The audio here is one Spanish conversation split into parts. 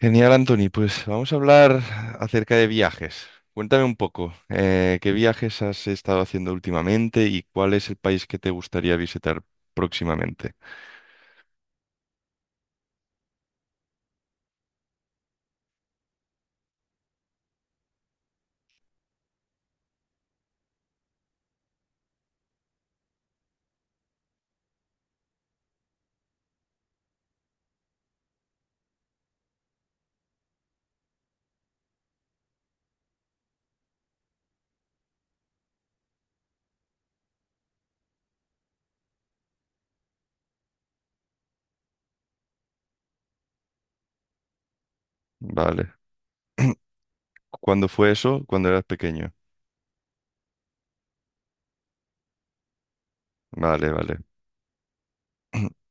Genial, Anthony. Pues vamos a hablar acerca de viajes. Cuéntame un poco, ¿qué viajes has estado haciendo últimamente y cuál es el país que te gustaría visitar próximamente? Vale. ¿Cuándo fue eso? Cuando eras pequeño. Vale, vale.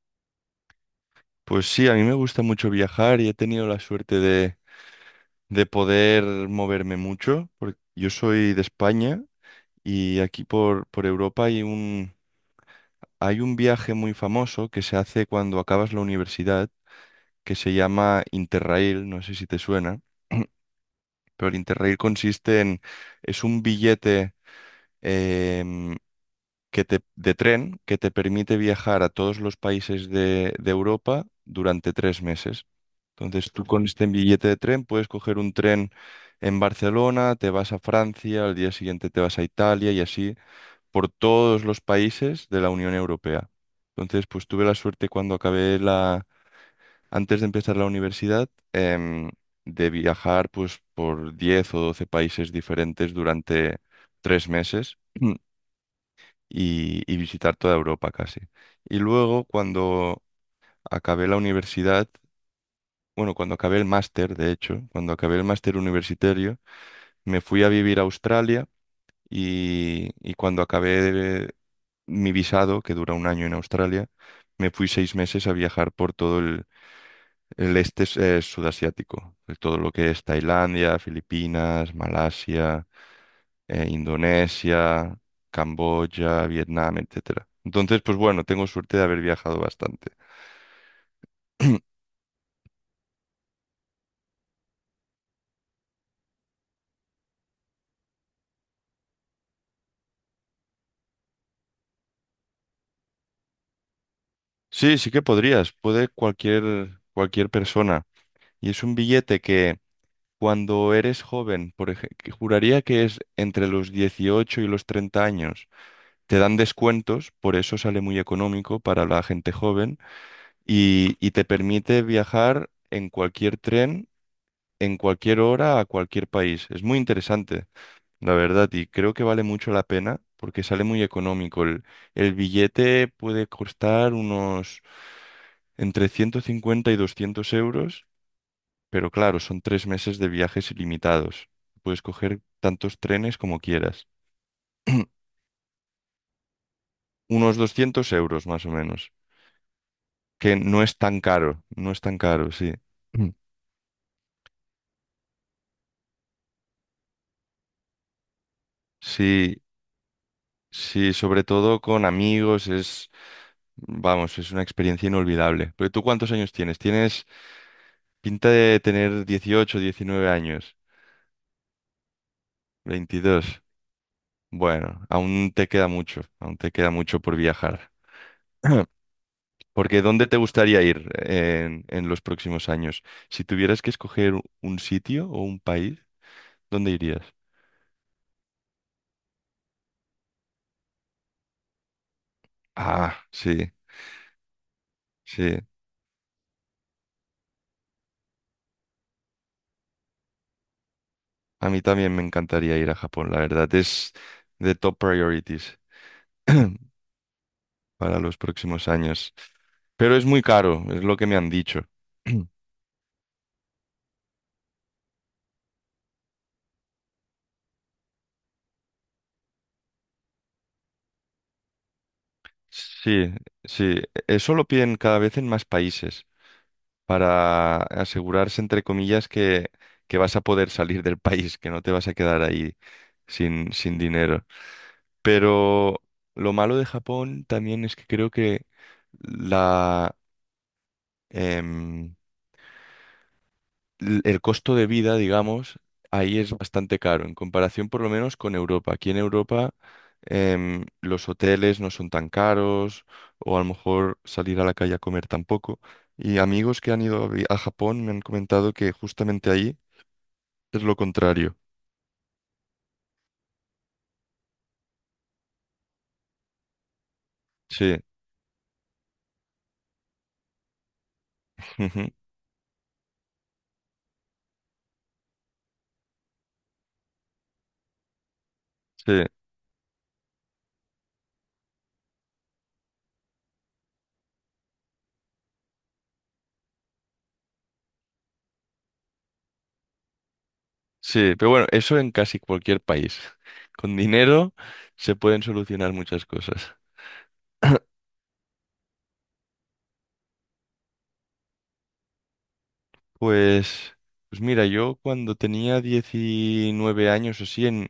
Pues sí, a mí me gusta mucho viajar y he tenido la suerte de poder moverme mucho, porque yo soy de España y aquí por Europa hay un viaje muy famoso que se hace cuando acabas la universidad, que se llama Interrail, no sé si te suena, pero el Interrail consiste en, es un billete em, de tren que te permite viajar a todos los países de Europa durante tres meses. Entonces tú con este billete de tren puedes coger un tren en Barcelona, te vas a Francia, al día siguiente te vas a Italia y así por todos los países de la Unión Europea. Entonces, pues tuve la suerte cuando antes de empezar la universidad, de viajar pues por 10 o 12 países diferentes durante tres meses y visitar toda Europa casi. Y luego cuando acabé la universidad, bueno, cuando acabé el máster, de hecho, cuando acabé el máster universitario, me fui a vivir a Australia y cuando mi visado, que dura un año en Australia, me fui seis meses a viajar por todo el este sudasiático, de todo lo que es Tailandia, Filipinas, Malasia, Indonesia, Camboya, Vietnam, etcétera. Entonces, pues bueno, tengo suerte de haber viajado bastante. Sí, sí que podrías, puede cualquier, cualquier persona. Y es un billete que cuando eres joven, por ejemplo, juraría que es entre los 18 y los 30 años. Te dan descuentos, por eso sale muy económico para la gente joven y te permite viajar en cualquier tren, en cualquier hora, a cualquier país. Es muy interesante, la verdad, y creo que vale mucho la pena porque sale muy económico. El billete puede costar unos entre 150 y 200 euros, pero claro, son tres meses de viajes ilimitados. Puedes coger tantos trenes como quieras. Unos 200 euros más o menos. Que no es tan caro, no es tan caro, sí. Mm. Sí, sí, sobre todo con amigos es, vamos, es una experiencia inolvidable. Pero ¿tú cuántos años tienes? Tienes pinta de tener dieciocho, diecinueve años. Veintidós. Bueno, aún te queda mucho, aún te queda mucho por viajar. Porque ¿dónde te gustaría ir en los próximos años? Si tuvieras que escoger un sitio o un país, ¿dónde irías? Ah, sí, sí. A mí también me encantaría ir a Japón, la verdad. Es de top priorities para los próximos años. Pero es muy caro, es lo que me han dicho. Sí, sí. Eso lo piden cada vez en más países, para asegurarse, entre comillas, que vas a poder salir del país, que no te vas a quedar ahí sin, sin dinero. Pero lo malo de Japón también es que creo que la, em, el costo de vida, digamos, ahí es bastante caro, en comparación por lo menos con Europa. Aquí en Europa, los hoteles no son tan caros, o a lo mejor salir a la calle a comer tampoco. Y amigos que han ido a Japón me han comentado que justamente ahí es lo contrario. Sí, ujú, sí, sí. Pero bueno, eso en casi cualquier país. Con dinero se pueden solucionar muchas cosas. Pues, pues mira, yo cuando tenía 19 años o así, en,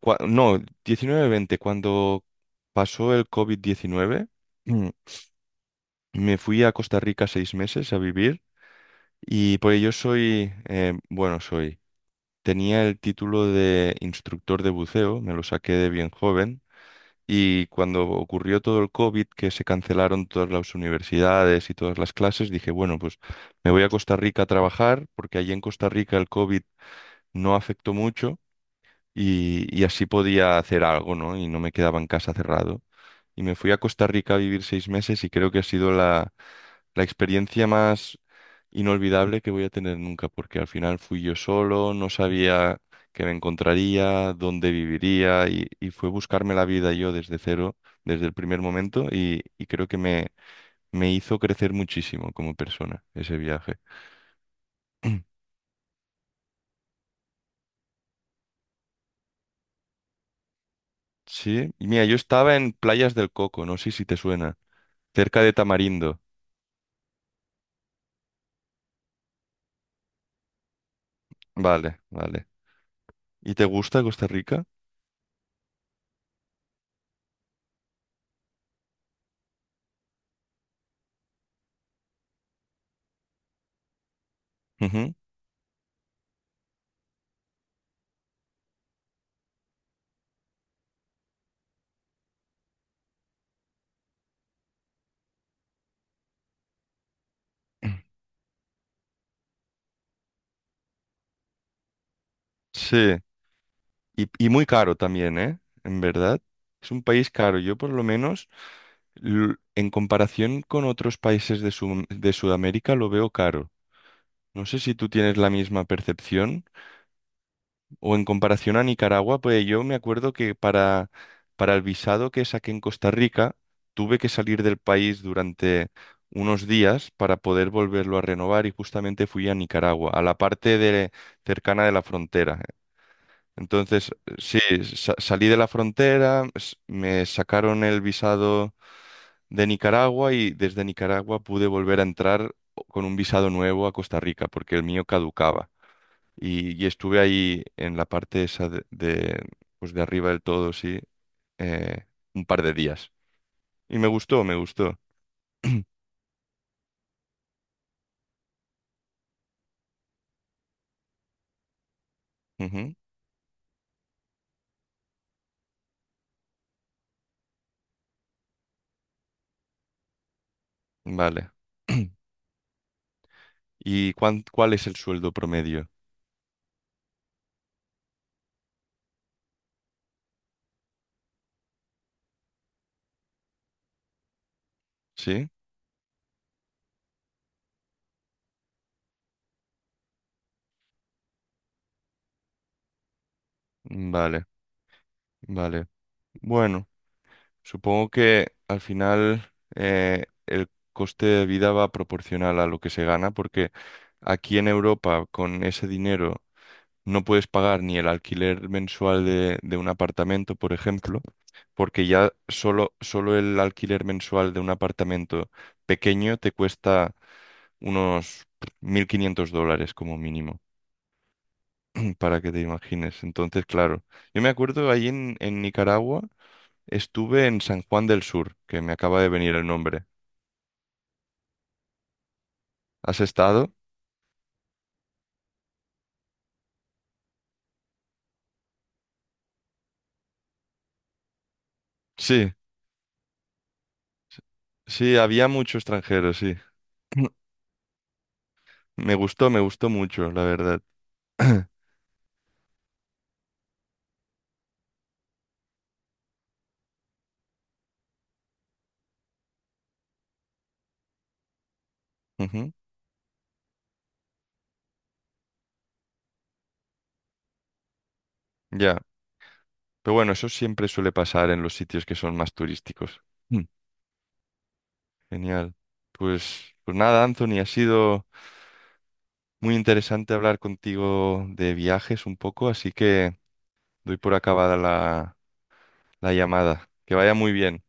cua- no, diecinueve veinte, cuando pasó el COVID-19, mm, me fui a Costa Rica seis meses a vivir y por ello soy, bueno, soy, tenía el título de instructor de buceo, me lo saqué de bien joven. Y cuando ocurrió todo el COVID, que se cancelaron todas las universidades y todas las clases, dije, bueno, pues me voy a Costa Rica a trabajar, porque allí en Costa Rica el COVID no afectó mucho y así podía hacer algo, ¿no? Y no me quedaba en casa cerrado y me fui a Costa Rica a vivir seis meses y creo que ha sido la experiencia más inolvidable que voy a tener nunca, porque al final fui yo solo, no sabía qué me encontraría, dónde viviría y fue buscarme la vida yo desde cero, desde el primer momento y creo que me hizo crecer muchísimo como persona ese viaje. Sí, y mira, yo estaba en Playas del Coco, no sé si te suena, cerca de Tamarindo. Vale, vale. ¿Y te gusta Costa Rica? Ujú. Sí. Y muy caro también, ¿eh? En verdad. Es un país caro. Yo por lo menos, en comparación con otros países de Sudamérica, lo veo caro. No sé si tú tienes la misma percepción o en comparación a Nicaragua, pues yo me acuerdo que para el visado que saqué en Costa Rica, tuve que salir del país durante unos días para poder volverlo a renovar y justamente fui a Nicaragua, a la parte cercana de la frontera. Entonces, sí, salí de la frontera, me sacaron el visado de Nicaragua y desde Nicaragua pude volver a entrar con un visado nuevo a Costa Rica porque el mío caducaba. Y estuve ahí en la parte esa pues de arriba del todo, sí, eh, un par de días. Y me gustó, me gustó. Ujú, vale. ¿Y cuál es el sueldo promedio? ¿Sí? Vale, vale. Bueno. Supongo que al final el coste de vida va proporcional a lo que se gana, porque aquí en Europa con ese dinero no puedes pagar ni el alquiler mensual de un apartamento, por ejemplo, porque ya solo, solo el alquiler mensual de un apartamento pequeño te cuesta unos 1.500 $ como mínimo, para que te imagines. Entonces, claro, yo me acuerdo ahí en Nicaragua. Estuve en San Juan del Sur, que me acaba de venir el nombre. ¿Has estado? Sí, s- sí, había mucho extranjero, sí. Me gustó mucho, la verdad. Ujú, ya. Pero bueno, eso siempre suele pasar en los sitios que son más turísticos. Mm. Genial. Pues, pues nada, Anthony, ha sido muy interesante hablar contigo de viajes un poco, así que doy por acabada la, la llamada. Que vaya muy bien.